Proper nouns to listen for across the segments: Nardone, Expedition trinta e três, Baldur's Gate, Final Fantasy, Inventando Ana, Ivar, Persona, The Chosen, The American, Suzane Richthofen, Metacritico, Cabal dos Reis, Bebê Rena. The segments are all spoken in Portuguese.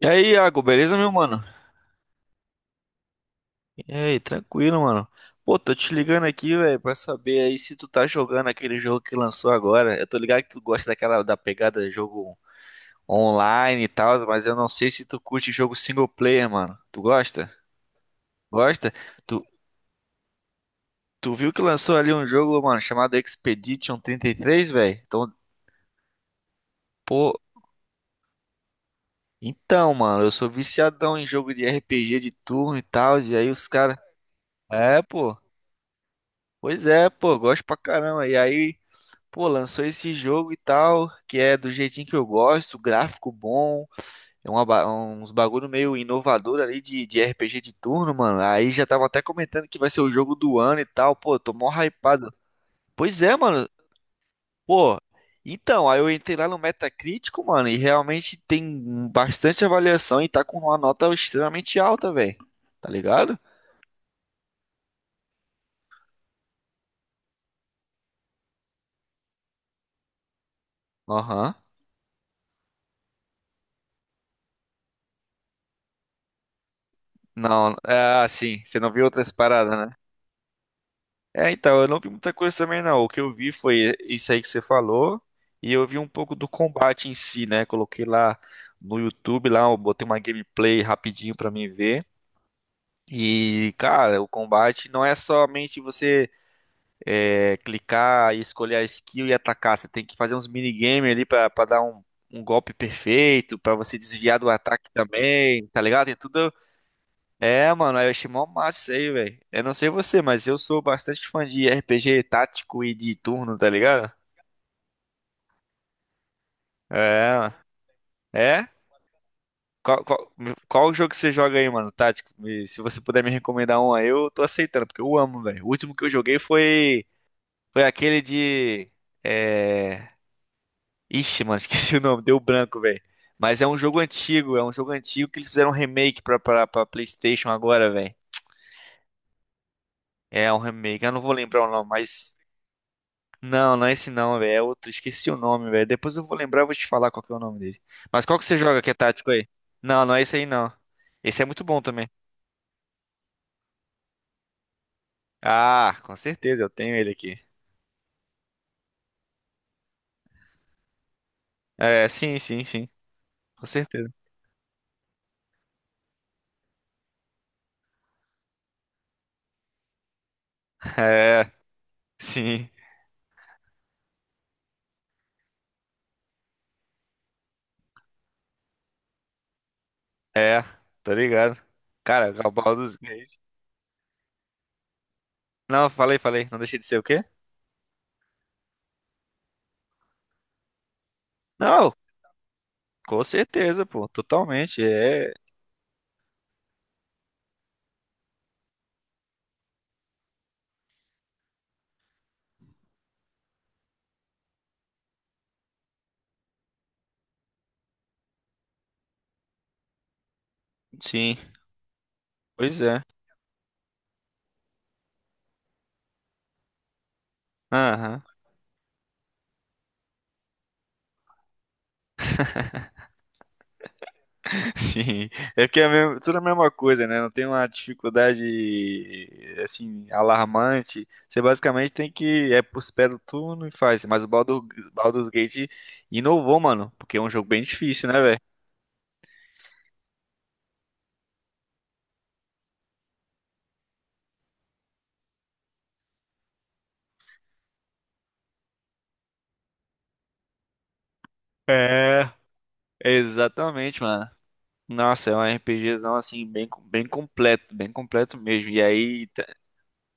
E aí, Iago, beleza, meu mano? E aí, tranquilo, mano. Pô, tô te ligando aqui, velho, pra saber aí se tu tá jogando aquele jogo que lançou agora. Eu tô ligado que tu gosta daquela da pegada de jogo online e tal, mas eu não sei se tu curte jogo single player, mano. Tu gosta? Gosta? Tu, tu viu que lançou ali um jogo, mano, chamado Expedition 33, velho? Então, pô, então, mano, eu sou viciadão em jogo de RPG de turno e tal, e aí os caras. É, pô. Pois é, pô, gosto pra caramba. E aí. Pô, lançou esse jogo e tal, que é do jeitinho que eu gosto, gráfico bom, é uma uns bagulho meio inovador ali de RPG de turno, mano. Aí já tava até comentando que vai ser o jogo do ano e tal, pô, tô mó hypado. Pois é, mano, pô. Então, aí eu entrei lá no Metacritico, mano, e realmente tem bastante avaliação e tá com uma nota extremamente alta, velho. Tá ligado? Aham. Não, é assim, você não viu outras paradas, né? É, então, eu não vi muita coisa também, não. O que eu vi foi isso aí que você falou, e eu vi um pouco do combate em si, né? Coloquei lá no YouTube, lá, eu botei uma gameplay rapidinho pra mim ver. E, cara, o combate não é somente você é, clicar e escolher a skill e atacar. Você tem que fazer uns minigame ali pra dar um golpe perfeito, pra você desviar do ataque também, tá ligado? Tem tudo é, mano, eu achei mó massa isso aí, velho. Eu não sei você, mas eu sou bastante fã de RPG tático e de turno, tá ligado? É, mano. É? Qual, qual, qual jogo que você joga aí, mano, tático? Me- Se você puder me recomendar um aí, eu tô aceitando, porque eu amo, velho. O último que eu joguei foi aquele de... É... Ixi, mano, esqueci o nome, deu branco, velho. Mas é um jogo antigo, é um jogo antigo que eles fizeram um remake pra PlayStation agora, velho. É um remake, eu não vou lembrar o nome, mas... Não, não é esse não, velho. É outro. Esqueci o nome, velho. Depois eu vou lembrar e vou te falar qual que é o nome dele. Mas qual que você joga que é tático aí? Não, não é esse aí não. Esse é muito bom também. Ah, com certeza, eu tenho ele aqui. É, sim, sim, sim. Com certeza. É, sim. É, tô ligado. Cara, Cabal dos Reis. Não, falei, falei. Não deixei de ser o quê? Não, com certeza, pô. Totalmente. É. Sim. Pois é. Aham. Sim, é porque é mesmo- tudo é a mesma coisa, né? Não tem uma dificuldade assim alarmante. Você basicamente tem que é por pé do turno e faz. Mas o Baldur's Gate inovou, mano, porque é um jogo bem difícil, né, velho? É, exatamente, mano. Nossa, é um RPGzão assim bem bem completo mesmo. E aí.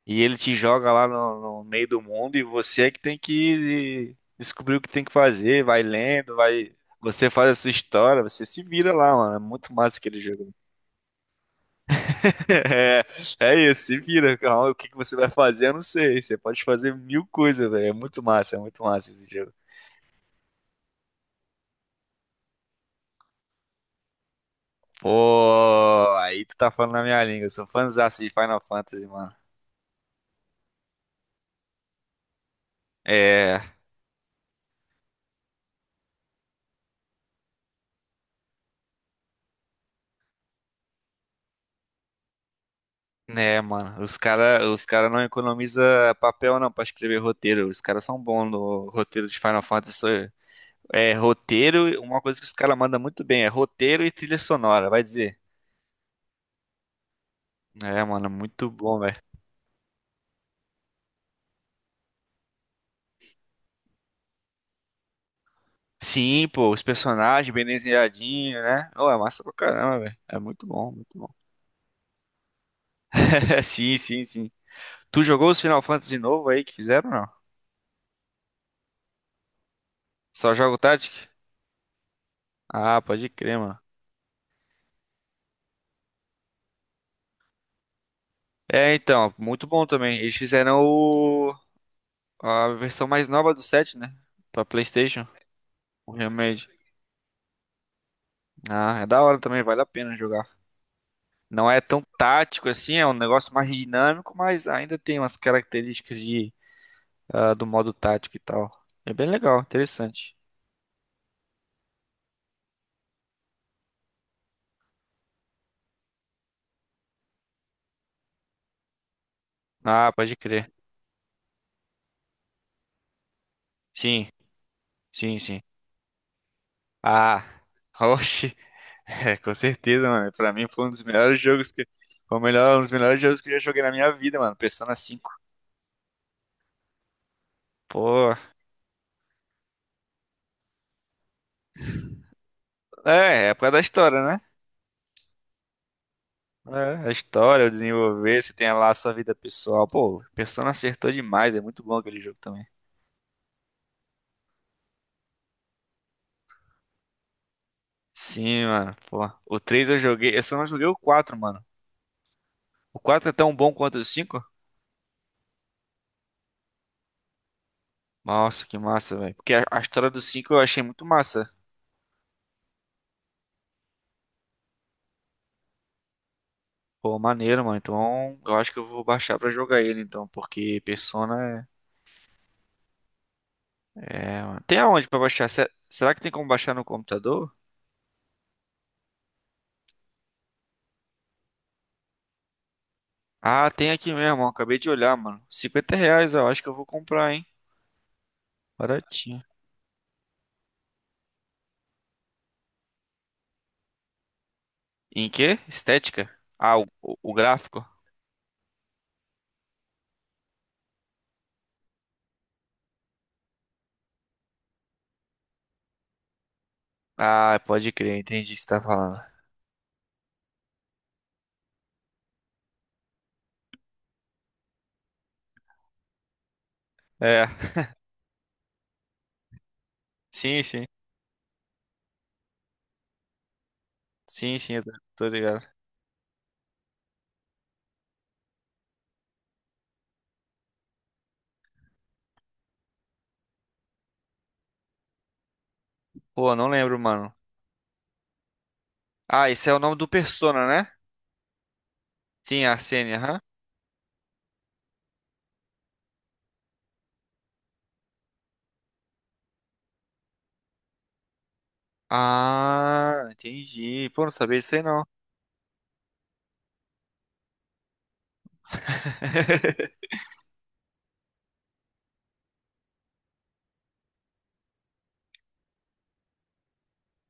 E ele te joga lá no meio do mundo e você é que tem que descobrir o que tem que fazer, vai lendo, vai. Você faz a sua história, você se vira lá, mano. É muito massa aquele jogo. É, é isso, se vira, calma. O que que você vai fazer? Eu não sei. Você pode fazer mil coisas, velho. É muito massa esse jogo. Pô, aí tu tá falando na minha língua. Eu sou fãzaço de Final Fantasy, mano. É. É, mano, os cara não economiza papel não pra escrever roteiro. Os caras são bons no roteiro de Final Fantasy. É, roteiro, uma coisa que os caras mandam muito bem é roteiro e trilha sonora, vai dizer. É, mano, muito bom, velho. Sim, pô, os personagens bem desenhadinhos, né? Oh, é massa pra caramba, velho. É muito bom, muito bom. Sim, sim, sim. Tu jogou os Final Fantasy novo aí que fizeram, ou não? Só joga o Tactic? Ah, pode crer, mano. É, então, muito bom também. Eles fizeram o. A versão mais nova do 7, né? Pra PlayStation, o remake. Ah, é da hora também, vale a pena jogar. Não é tão tático assim, é um negócio mais dinâmico, mas ainda tem umas características de, ah, do modo tático e tal. É bem legal, interessante. Ah, pode crer. Sim, sim, sim. Ah, oxe, é, com certeza, mano. Pra mim foi um dos melhores jogos que. Foi o melhor, um dos melhores jogos que eu já joguei na minha vida, mano. Persona 5. Pô. É, é por causa da história, né? É, a história, o desenvolver, você tem lá a sua vida pessoal. Pô, o Persona acertou demais, é muito bom aquele jogo também. Sim, mano, pô. O 3 eu joguei, eu só não joguei o quatro, mano. O 4 é tão bom quanto o cinco. Nossa, que massa, velho. Porque a história do 5 eu achei muito massa. Pô, maneiro, mano. Então, eu acho que eu vou baixar pra jogar ele, então, porque Persona é... é, mano. Tem aonde pra baixar? Se- Será que tem como baixar no computador? Ah, tem aqui mesmo, ó. Acabei de olhar, mano. R$ 50, eu acho que eu vou comprar, hein. Baratinho. Em quê? Estética? Ah, o gráfico? Ah, pode crer, entendi o que você tá falando. É, sim, sim. Sim, sim, eu tô ligado. Pô, não lembro, mano. Ah, esse é o nome do Persona, né? Sim, a Sene, aham. Ah, entendi. Pô, não sabia disso aí não.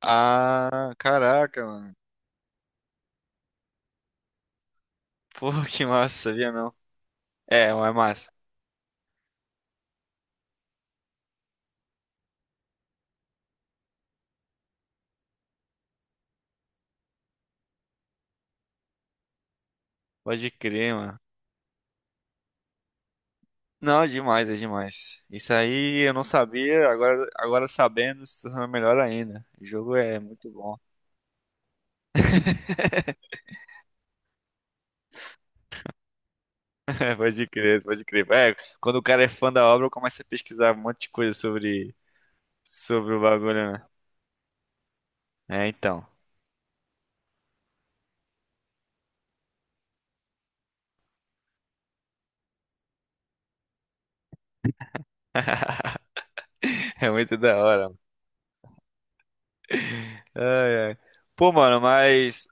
Ah, caraca, mano. Pô, que massa, sabia não? É, é massa. Pode crer, mano. Não, é demais, é demais. Isso aí eu não sabia, agora, agora sabendo, se torna melhor ainda. O jogo é muito bom. Pode crer, pode crer. É, quando o cara é fã da obra, começa a pesquisar um monte de coisa sobre, sobre o bagulho, né? É, então. É muito da hora, mano. Ai, ai. Pô, mano, mas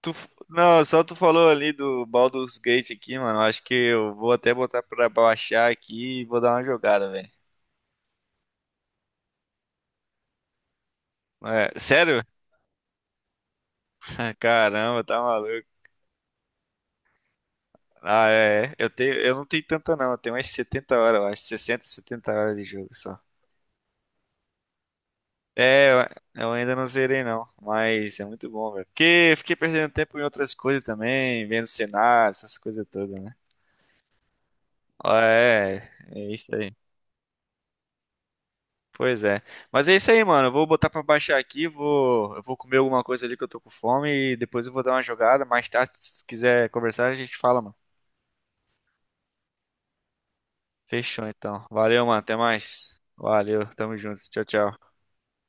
tu, não, só tu falou ali do Baldur's Gate aqui, mano. Acho que eu vou até botar pra baixar aqui e vou dar uma jogada, velho. É, sério? Caramba, tá maluco. Ah, é. É. Eu tenho, eu não tenho tanta não, eu tenho umas 70 horas, eu acho, 60, 70 horas de jogo só. É, eu ainda não zerei não, mas é muito bom, velho. Porque fiquei perdendo tempo em outras coisas também, vendo cenário, essas coisas todas, né? Ó, é, é isso aí. Pois é. Mas é isso aí, mano. Eu vou botar pra baixar aqui, eu vou comer alguma coisa ali que eu tô com fome e depois eu vou dar uma jogada. Mais tarde, se quiser conversar, a gente fala, mano. Fechou então. Valeu, mano. Até mais. Valeu, tamo junto. Tchau, tchau.